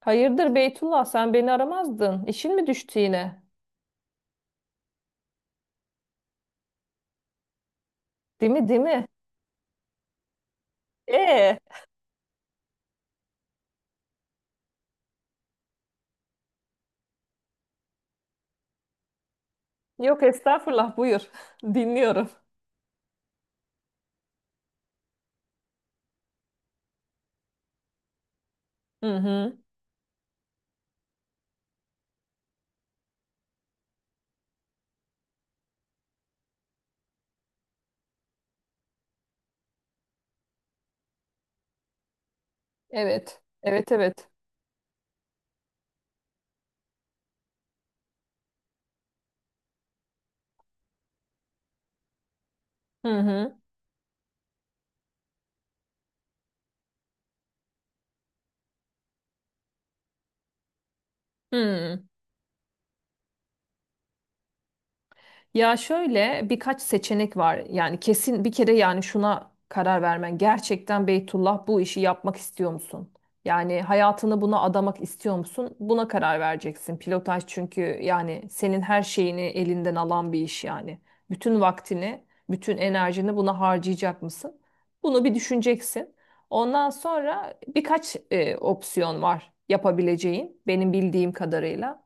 Hayırdır Beytullah sen beni aramazdın. İşin mi düştü yine? Değil mi değil mi? Ee, yok estağfurullah buyur. Dinliyorum. Hı hı. Evet. Evet evet. Hı hı. Hı. Ya şöyle birkaç seçenek var. Yani kesin bir kere yani şuna karar vermen. Gerçekten Beytullah bu işi yapmak istiyor musun? Yani hayatını buna adamak istiyor musun? Buna karar vereceksin. Pilotaj çünkü yani senin her şeyini elinden alan bir iş yani. Bütün vaktini, bütün enerjini buna harcayacak mısın? Bunu bir düşüneceksin. Ondan sonra birkaç opsiyon var yapabileceğin benim bildiğim kadarıyla.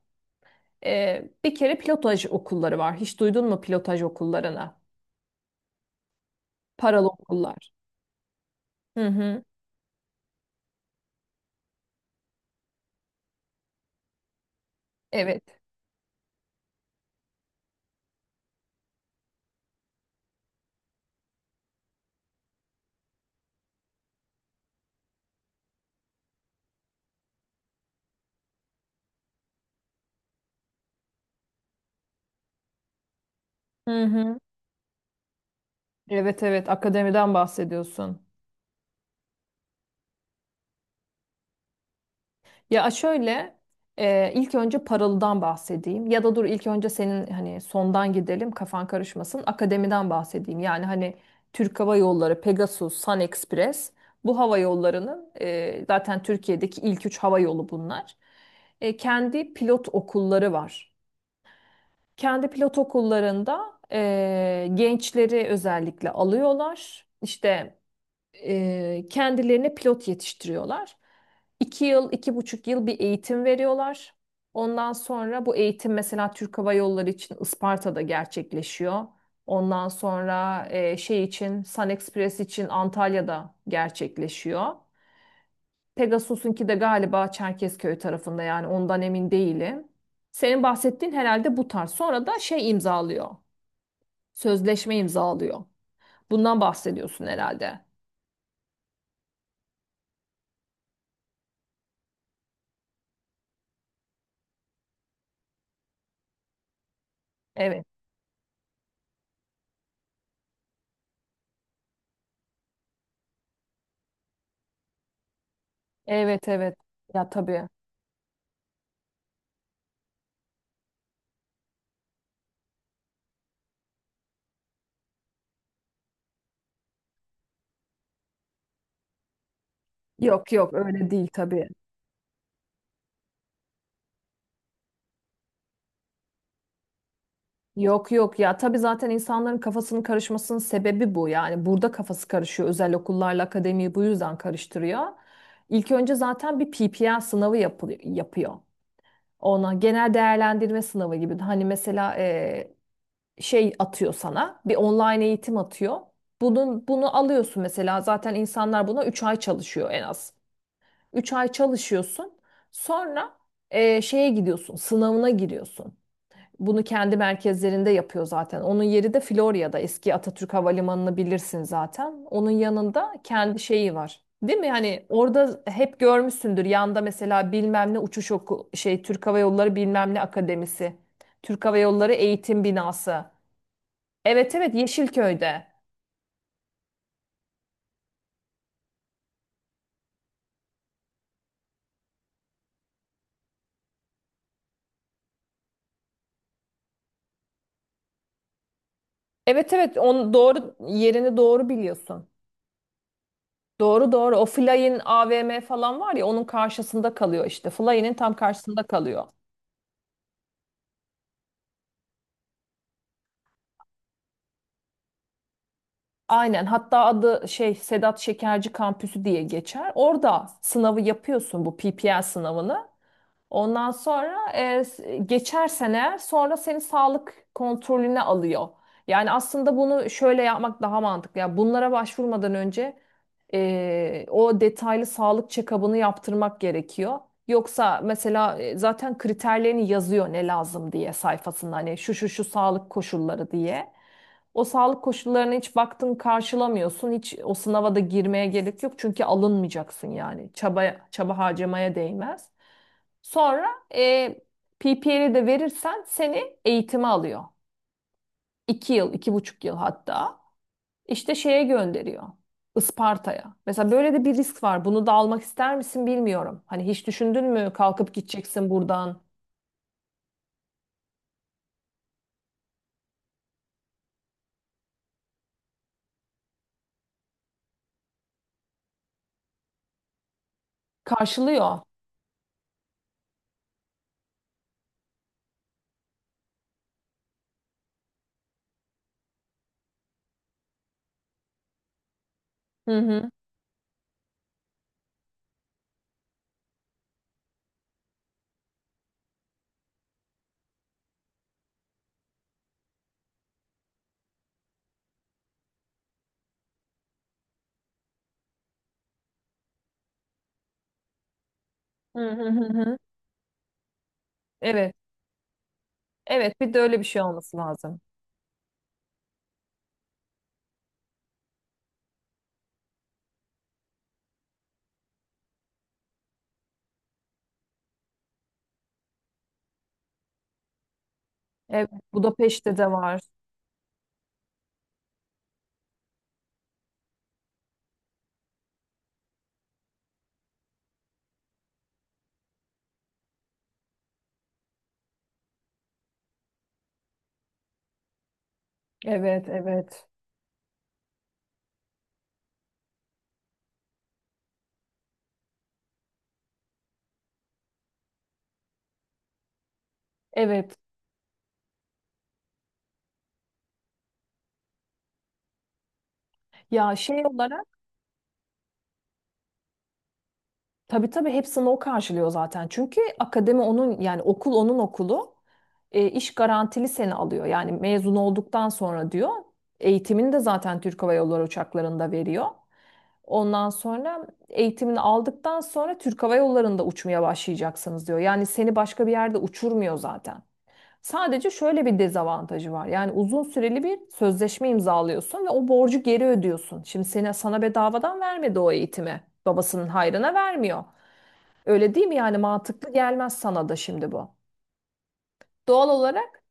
Bir kere pilotaj okulları var. Hiç duydun mu pilotaj okullarına? Paralı okullar. Hı hı. Evet. Hı hı. Evet evet akademiden bahsediyorsun. Ya şöyle ilk önce paralıdan bahsedeyim ya da dur ilk önce senin hani sondan gidelim kafan karışmasın akademiden bahsedeyim. Yani hani Türk Hava Yolları, Pegasus, Sun Express bu hava yollarının zaten Türkiye'deki ilk üç hava yolu bunlar. Kendi pilot okulları var. Kendi pilot okullarında gençleri özellikle alıyorlar. İşte kendilerine pilot yetiştiriyorlar. 2 yıl, 2,5 yıl bir eğitim veriyorlar. Ondan sonra bu eğitim mesela Türk Hava Yolları için Isparta'da gerçekleşiyor. Ondan sonra şey için Sun Express için Antalya'da gerçekleşiyor. Pegasus'unki de galiba Çerkezköy tarafında yani ondan emin değilim. Senin bahsettiğin herhalde bu tarz. Sonra da şey imzalıyor. Sözleşme imzalıyor. Bundan bahsediyorsun herhalde. Evet. Evet evet. Ya tabii. Yok yok öyle değil tabii. Yok yok ya tabii zaten insanların kafasının karışmasının sebebi bu. Yani burada kafası karışıyor. Özel okullarla akademiyi bu yüzden karıştırıyor. İlk önce zaten bir PPL sınavı yapılıyor, yapıyor. Ona genel değerlendirme sınavı gibi. Hani mesela şey atıyor sana. Bir online eğitim atıyor. Bunu alıyorsun mesela. Zaten insanlar buna 3 ay çalışıyor en az. 3 ay çalışıyorsun. Sonra şeye gidiyorsun. Sınavına giriyorsun. Bunu kendi merkezlerinde yapıyor zaten. Onun yeri de Florya'da. Eski Atatürk Havalimanı'nı bilirsin zaten. Onun yanında kendi şeyi var. Değil mi? Hani orada hep görmüşsündür. Yanda mesela bilmem ne uçuş oku şey Türk Hava Yolları bilmem ne akademisi. Türk Hava Yolları eğitim binası. Evet evet Yeşilköy'de. Evet evet on doğru yerini doğru biliyorsun. Doğru doğru. O Fly'in AVM falan var ya onun karşısında kalıyor işte. Fly'in tam karşısında kalıyor. Aynen. Hatta adı şey Sedat Şekerci Kampüsü diye geçer. Orada sınavı yapıyorsun bu PPL sınavını. Ondan sonra geçersen eğer sonra seni sağlık kontrolüne alıyor. Yani aslında bunu şöyle yapmak daha mantıklı. Yani bunlara başvurmadan önce o detaylı sağlık check-up'ını yaptırmak gerekiyor. Yoksa mesela zaten kriterlerini yazıyor ne lazım diye sayfasında hani şu şu şu sağlık koşulları diye. O sağlık koşullarına hiç baktın karşılamıyorsun. Hiç o sınava da girmeye gerek yok çünkü alınmayacaksın yani. Çaba harcamaya değmez. Sonra e, PPR'i de verirsen seni eğitime alıyor. 2 yıl, 2,5 yıl hatta. İşte şeye gönderiyor. Isparta'ya. Mesela böyle de bir risk var. Bunu da almak ister misin bilmiyorum. Hani hiç düşündün mü kalkıp gideceksin buradan? Karşılıyor. Hı hı. Hı hı hı hı. Evet. Evet, bir de öyle bir şey olması lazım. Evet, Budapeşte de var. Evet, evet. Evet. Ya şey olarak. Tabii tabii hepsini o karşılıyor zaten. Çünkü akademi onun yani okul onun okulu. E, iş garantili seni alıyor. Yani mezun olduktan sonra diyor. Eğitimini de zaten Türk Hava Yolları uçaklarında veriyor. Ondan sonra eğitimini aldıktan sonra Türk Hava Yolları'nda uçmaya başlayacaksınız diyor. Yani seni başka bir yerde uçurmuyor zaten. Sadece şöyle bir dezavantajı var. Yani uzun süreli bir sözleşme imzalıyorsun ve o borcu geri ödüyorsun. Şimdi seni sana bedavadan vermedi o eğitimi. Babasının hayrına vermiyor. Öyle değil mi? Yani mantıklı gelmez sana da şimdi bu. Doğal olarak.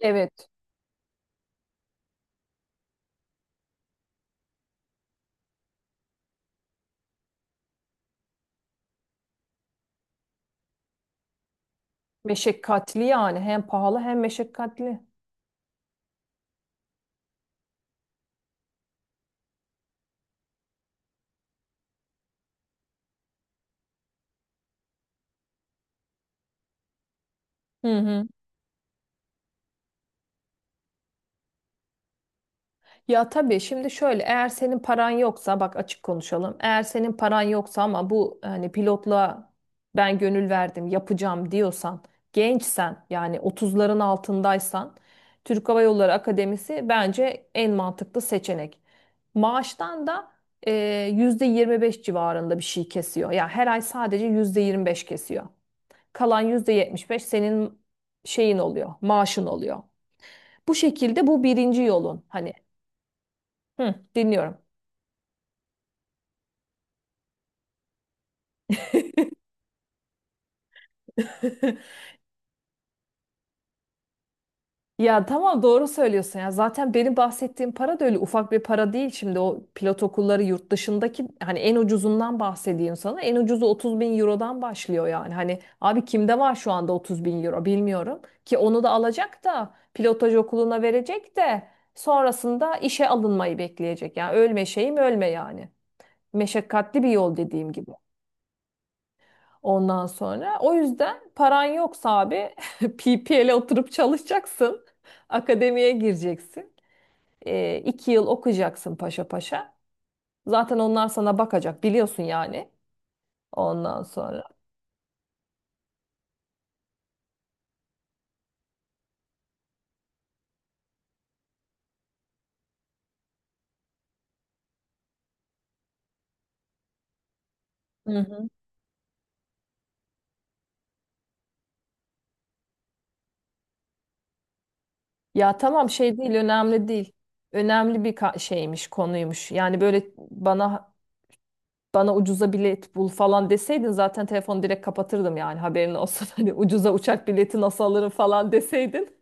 Evet. Meşakkatli yani. Hem pahalı hem meşakkatli. Hı hı. Ya tabii şimdi şöyle eğer senin paran yoksa bak açık konuşalım. Eğer senin paran yoksa ama bu hani pilotla ben gönül verdim yapacağım diyorsan gençsen yani 30'ların altındaysan Türk Hava Yolları Akademisi bence en mantıklı seçenek. Maaştan da %25 civarında bir şey kesiyor. Ya her ay sadece %25 kesiyor. Kalan %75 senin şeyin oluyor, maaşın oluyor. Bu şekilde bu birinci yolun hani. Hı, dinliyorum. Ya tamam doğru söylüyorsun ya. Zaten benim bahsettiğim para da öyle ufak bir para değil. Şimdi o pilot okulları yurt dışındaki hani en ucuzundan bahsedeyim sana. En ucuzu 30 bin eurodan başlıyor yani. Hani abi kimde var şu anda 30 bin euro bilmiyorum. Ki onu da alacak da pilotaj okuluna verecek de sonrasında işe alınmayı bekleyecek. Yani ölme şeyim ölme yani. Meşakkatli bir yol dediğim gibi. Ondan sonra o yüzden paran yoksa abi PPL'e oturup çalışacaksın. Akademiye gireceksin. E, 2 yıl okuyacaksın paşa paşa. Zaten onlar sana bakacak biliyorsun yani. Ondan sonra. Hı hı. Ya tamam şey değil önemli değil. Önemli bir şeymiş konuymuş. Yani böyle bana ucuza bilet bul falan deseydin zaten telefonu direkt kapatırdım yani haberin olsun. Hani ucuza uçak bileti nasıl alırım falan deseydin.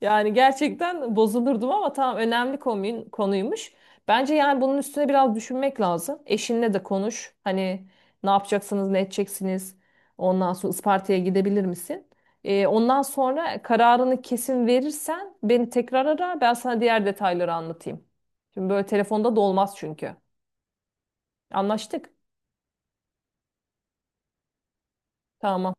Yani gerçekten bozulurdum ama tamam önemli konuymuş. Bence yani bunun üstüne biraz düşünmek lazım. Eşinle de konuş. Hani ne yapacaksınız, ne edeceksiniz? Ondan sonra Isparta'ya gidebilir misin? Ondan sonra kararını kesin verirsen beni tekrar ara. Ben sana diğer detayları anlatayım. Şimdi böyle telefonda da olmaz çünkü. Anlaştık. Tamam.